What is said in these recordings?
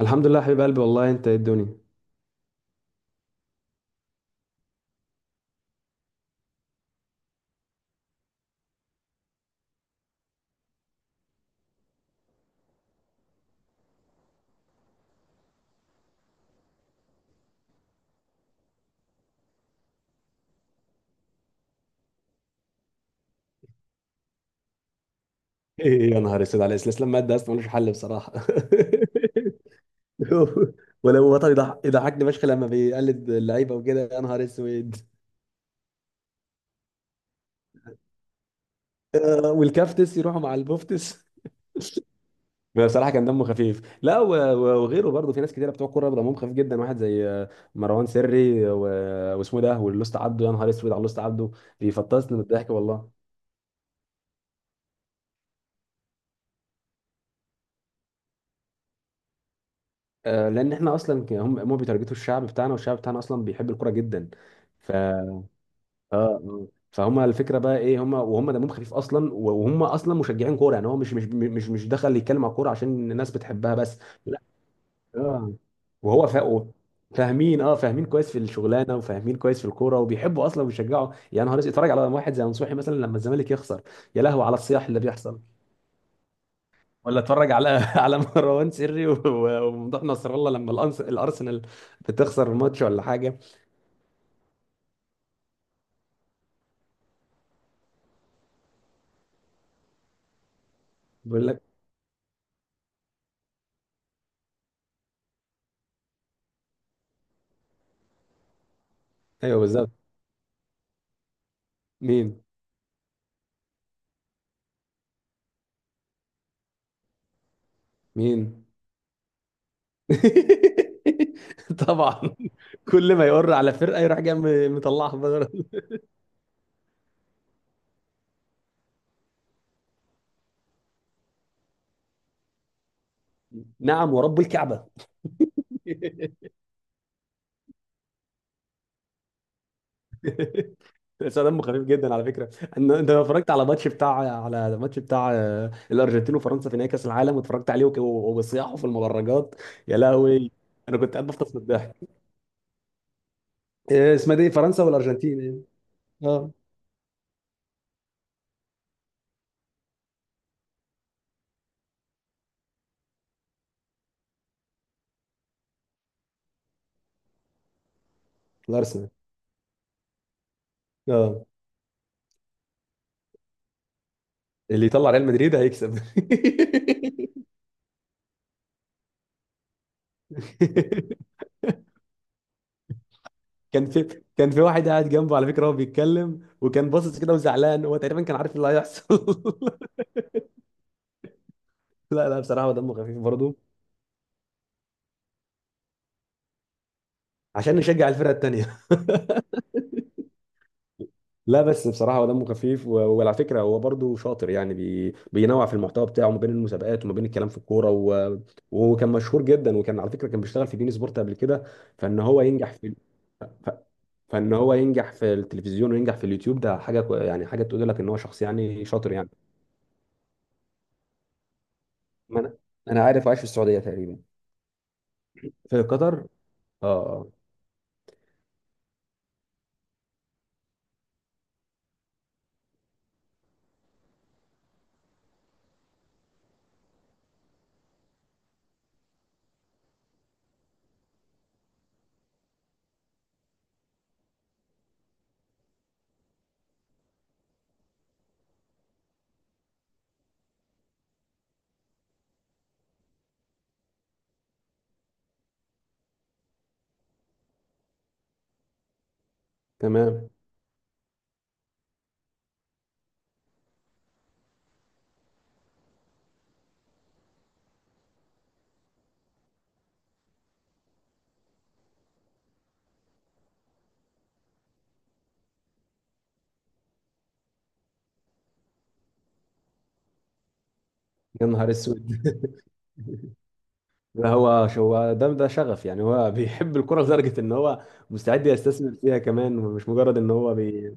الحمد لله حبيب قلبي، والله انت ايه الدنيا! ايه يا نهار اسود على الاستسلام ماده اصلا ملوش حل بصراحه. ولو وطني يضحكني فشخ لما بيقلد اللعيبه وكده، يا نهار اسود. والكافتس يروحوا مع البوفتس. بصراحه كان دمه خفيف، لا وغيره برضه، في ناس كتيره بتوع كوره دمهم خفيف جدا. واحد زي مروان سري واسمه ده، واللوست عبده، يا نهار اسود على اللوست عبده، بيفطسني من الضحك والله. لان احنا اصلا هم بيتارجتوا الشعب بتاعنا، والشعب بتاعنا اصلا بيحب الكوره جدا. ف اه فهم الفكره بقى ايه، هم وهم دمهم خفيف اصلا، وهم اصلا مشجعين كوره يعني. هو مش دخل يتكلم على الكوره عشان الناس بتحبها بس. لا. اه. وهو فاهمين، اه فاهمين كويس في الشغلانه وفاهمين كويس في الكوره، وبيحبوا اصلا وبيشجعوا يعني. نهار أسود، اتفرج على واحد زي نصوحي مثلا لما الزمالك يخسر، يا لهو على الصياح اللي بيحصل. ولا اتفرج على على مروان سري وممدوح نصر الله لما الارسنال بتخسر الماتش ولا حاجه. بيقول لك. ايوه بالظبط. مين؟ مين؟ طبعا. كل ما يقر على فرقه يروح جاي مطلعها بره. نعم ورب الكعبه. بس دمه خفيف جدا على فكره. انت لو اتفرجت على ماتش بتاع على الماتش بتاع الارجنتين وفرنسا في نهائي كاس العالم، واتفرجت عليه وبصياحه في المدرجات، يا لهوي، انا كنت قاعد بفطس من الضحك. اسمها دي فرنسا والارجنتين يعني. اه. الارسنال. اه اللي يطلع ريال مدريد هيكسب. كان في، كان في واحد قاعد جنبه على فكره، هو بيتكلم وكان باصص كده وزعلان، هو تقريبا كان عارف إيه اللي هيحصل. لا لا، بصراحه هو دمه خفيف برضه. عشان نشجع الفرقه التانيه. لا بس بصراحه هو دمه خفيف وعلى فكره هو برضه شاطر يعني، بي... بينوع في المحتوى بتاعه ما بين المسابقات وما بين الكلام في الكوره. و... وكان مشهور جدا، وكان على فكره كان بيشتغل في بين سبورت قبل كده. فان هو ينجح في ف... فان هو ينجح في التلفزيون وينجح في اليوتيوب، ده حاجه يعني حاجه تقول لك ان هو شخص يعني شاطر يعني. ما انا، انا عارف. عايش في السعوديه تقريبا. في قطر. اه آه. تمام. يا نهار اسود. ده هو، هو ده، ده شغف يعني، هو بيحب الكرة لدرجة ان هو مستعد يستثمر فيها كمان، مش مجرد ان هو بي.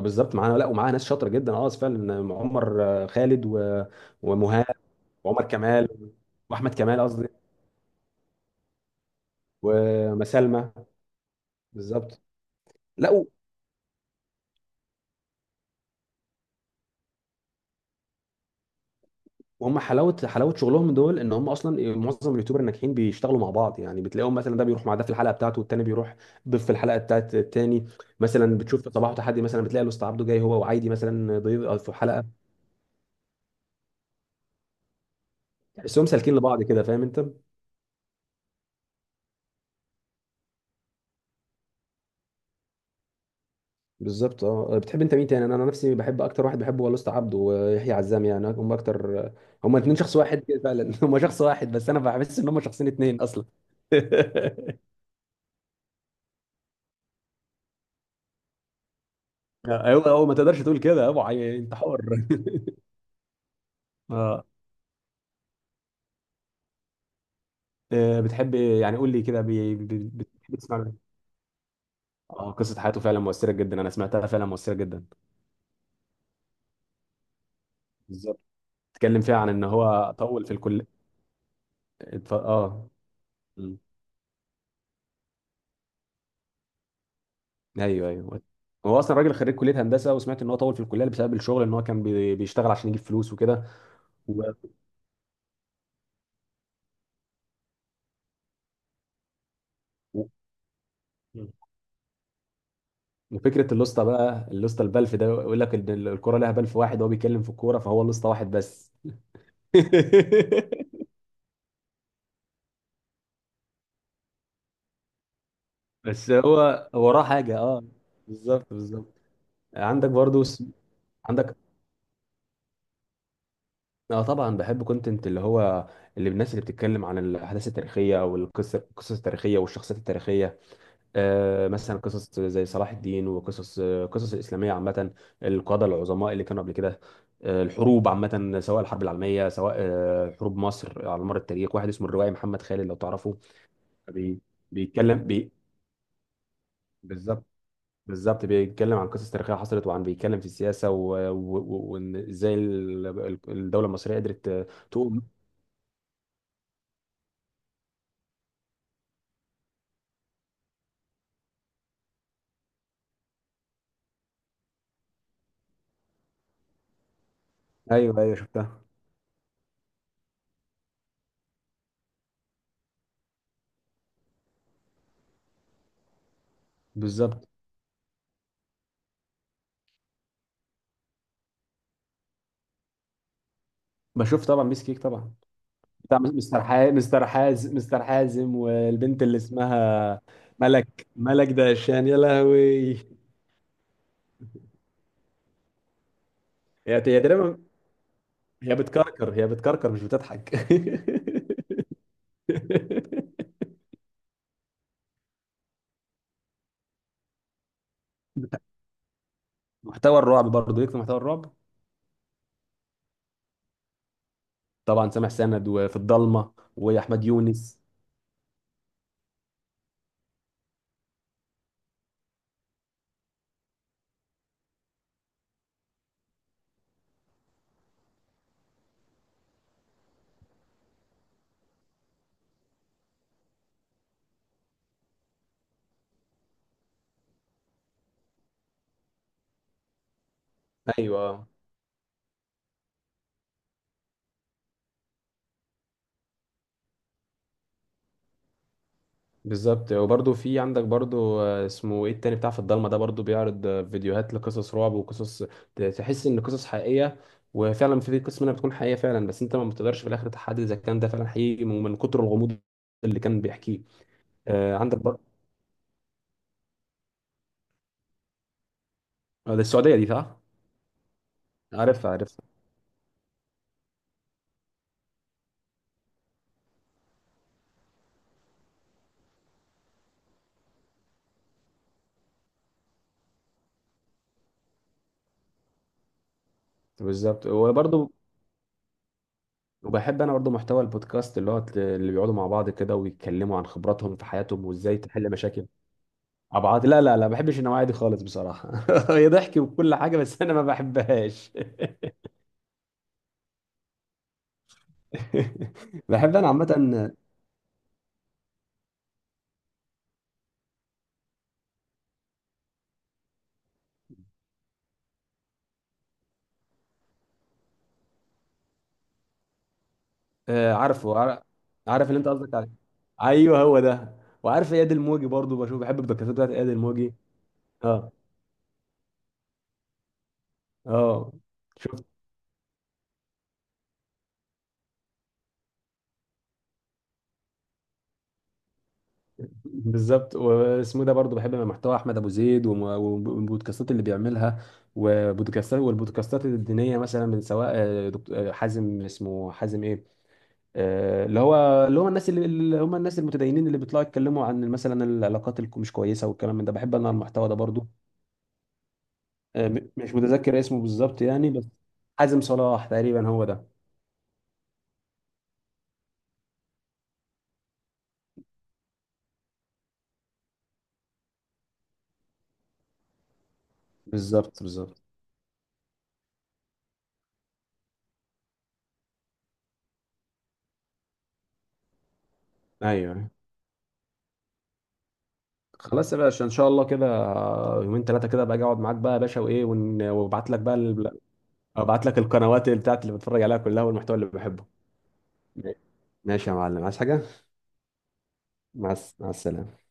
بالظبط، معانا. لا ومعاه ناس شاطرة جدا، اه فعلا، عمر خالد. و... ومهاب، وعمر كمال، واحمد كمال قصدي. ومسالمة. بالظبط. لا، وهم حلاوه حلاوه شغلهم دول، ان هم اصلا معظم اليوتيوبر الناجحين بيشتغلوا مع بعض يعني. بتلاقيهم مثلا، ده بيروح مع ده في الحلقه بتاعته، والتاني بيروح ضيف في الحلقه بتاعت التاني. مثلا بتشوف صباح وتحدي، مثلا بتلاقي الاستاذ عبده جاي هو وعايدي مثلا ضيف في حلقه. تحسهم سالكين لبعض كده، فاهم انت. بالظبط. اه، بتحب انت مين تاني؟ أنا نفسي بحب، اكتر واحد بحبه هو الاستاذ عبده ويحيى عزام يعني، هم اكتر. هم اتنين شخص واحد كده فعلا، هم شخص واحد بس انا بحس ان هم شخصين اتنين اصلا. ايوه، هو ما تقدرش تقول كده يا ابو عي، انت حر. اه. بتحب يعني، قول لي كده بتحب تسمع له إيه؟ اه، قصة حياته فعلا مؤثرة جدا، انا سمعتها فعلا مؤثرة جدا. بالظبط. بتتكلم فيها عن ان هو طول في الكلية. اه. مم. ايوه ايوه. هو اصلا راجل خريج كلية هندسة، وسمعت ان هو طول في الكلية بسبب الشغل، ان هو كان بيشتغل عشان يجيب فلوس وكده. و... و... مم. وفكرة اللوسته بقى، اللوسته البلف ده، يقول لك ان الكورة لها بلف واحد، وهو بيتكلم في الكورة فهو اللوسته واحد بس. بس هو وراه حاجة، اه، بالظبط بالظبط. عندك برضو. عندك. اه طبعا، بحب كونتنت اللي هو، اللي الناس اللي بتتكلم عن الاحداث التاريخيه او القصص التاريخيه والشخصيات التاريخيه. آه مثلا قصص زي صلاح الدين، وقصص قصص الاسلاميه عامه، القاده العظماء اللي كانوا قبل كده. آه الحروب عامه، سواء الحرب العالميه، سواء آه حروب مصر على مر التاريخ. واحد اسمه الروائي محمد خالد لو تعرفه. بي بيتكلم بي بالظبط. بالظبط، بيتكلم عن قصص تاريخيه حصلت، وعن، بيتكلم في السياسه وان ازاي الدوله المصريه قدرت تقوم. ايوه ايوه شفتها. بالظبط. بشوف طبعا، ميس كيك طبعا. بتاع مستر حازم مستر حازم، والبنت اللي اسمها، ملك دهشان. يا لهوي. هي، هي تقريبا، هي هي بتكركر مش بتضحك. محتوى الرعب برضه، ليك في محتوى الرعب؟ طبعا سامح سند، وفي الضلمه، واحمد يونس. ايوه. بالظبط. وبرضه في عندك برضه اسمه ايه، التاني بتاع في الضلمه ده، برضه بيعرض فيديوهات لقصص رعب وقصص تحس ان قصص حقيقيه، وفعلا في قسم منها بتكون حقيقيه فعلا، بس انت ما بتقدرش في الاخر تحدد اذا كان ده فعلا حقيقي من كتر الغموض اللي كان بيحكيه. عندك برضه ده السعوديه دي صح؟ عارفها عارفها. بالظبط. وبرضه وبحب انا برضه محتوى البودكاست، اللي هو اللي بيقعدوا مع بعض كده ويتكلموا عن خبراتهم في حياتهم وازاي تحل مشاكل. عبعاطي لا لا لا، ما بحبش النوعية دي خالص بصراحة. هي ضحك وكل حاجة بس أنا ما بحبهاش. بحب أنا عامة. آه، عارفه عار- عارف اللي أنت قصدك عليه. أيوه هو ده. وعارف إياد الموجي برضو، بشوف، بحب الدكاترة بتاعت إياد الموجي. أه. أه. شفت. بالظبط. واسمه ده برضو، بحب محتوى أحمد أبو زيد والبودكاستات اللي بيعملها. والبودكاستات الدينية مثلا، من سواء دكتور حازم، اسمه حازم إيه، آه، اللي هو اللي هم الناس اللي هم الناس المتدينين اللي بيطلعوا يتكلموا عن مثلا العلاقات اللي مش كويسه والكلام من ده، بحب انا المحتوى ده برضو. مش متذكر اسمه بالظبط يعني بس، حازم صلاح تقريبا هو ده. بالظبط بالظبط. ايوه. خلاص يا باشا، ان شاء الله كده يومين ثلاثه كده باجي اقعد معاك بقى يا باشا، وابعت لك بقى ابعت لك القنوات اللي بتاعت، اللي بتفرج عليها كلها والمحتوى اللي بحبه. ماشي يا معلم، عايز حاجه؟ مع السلامه.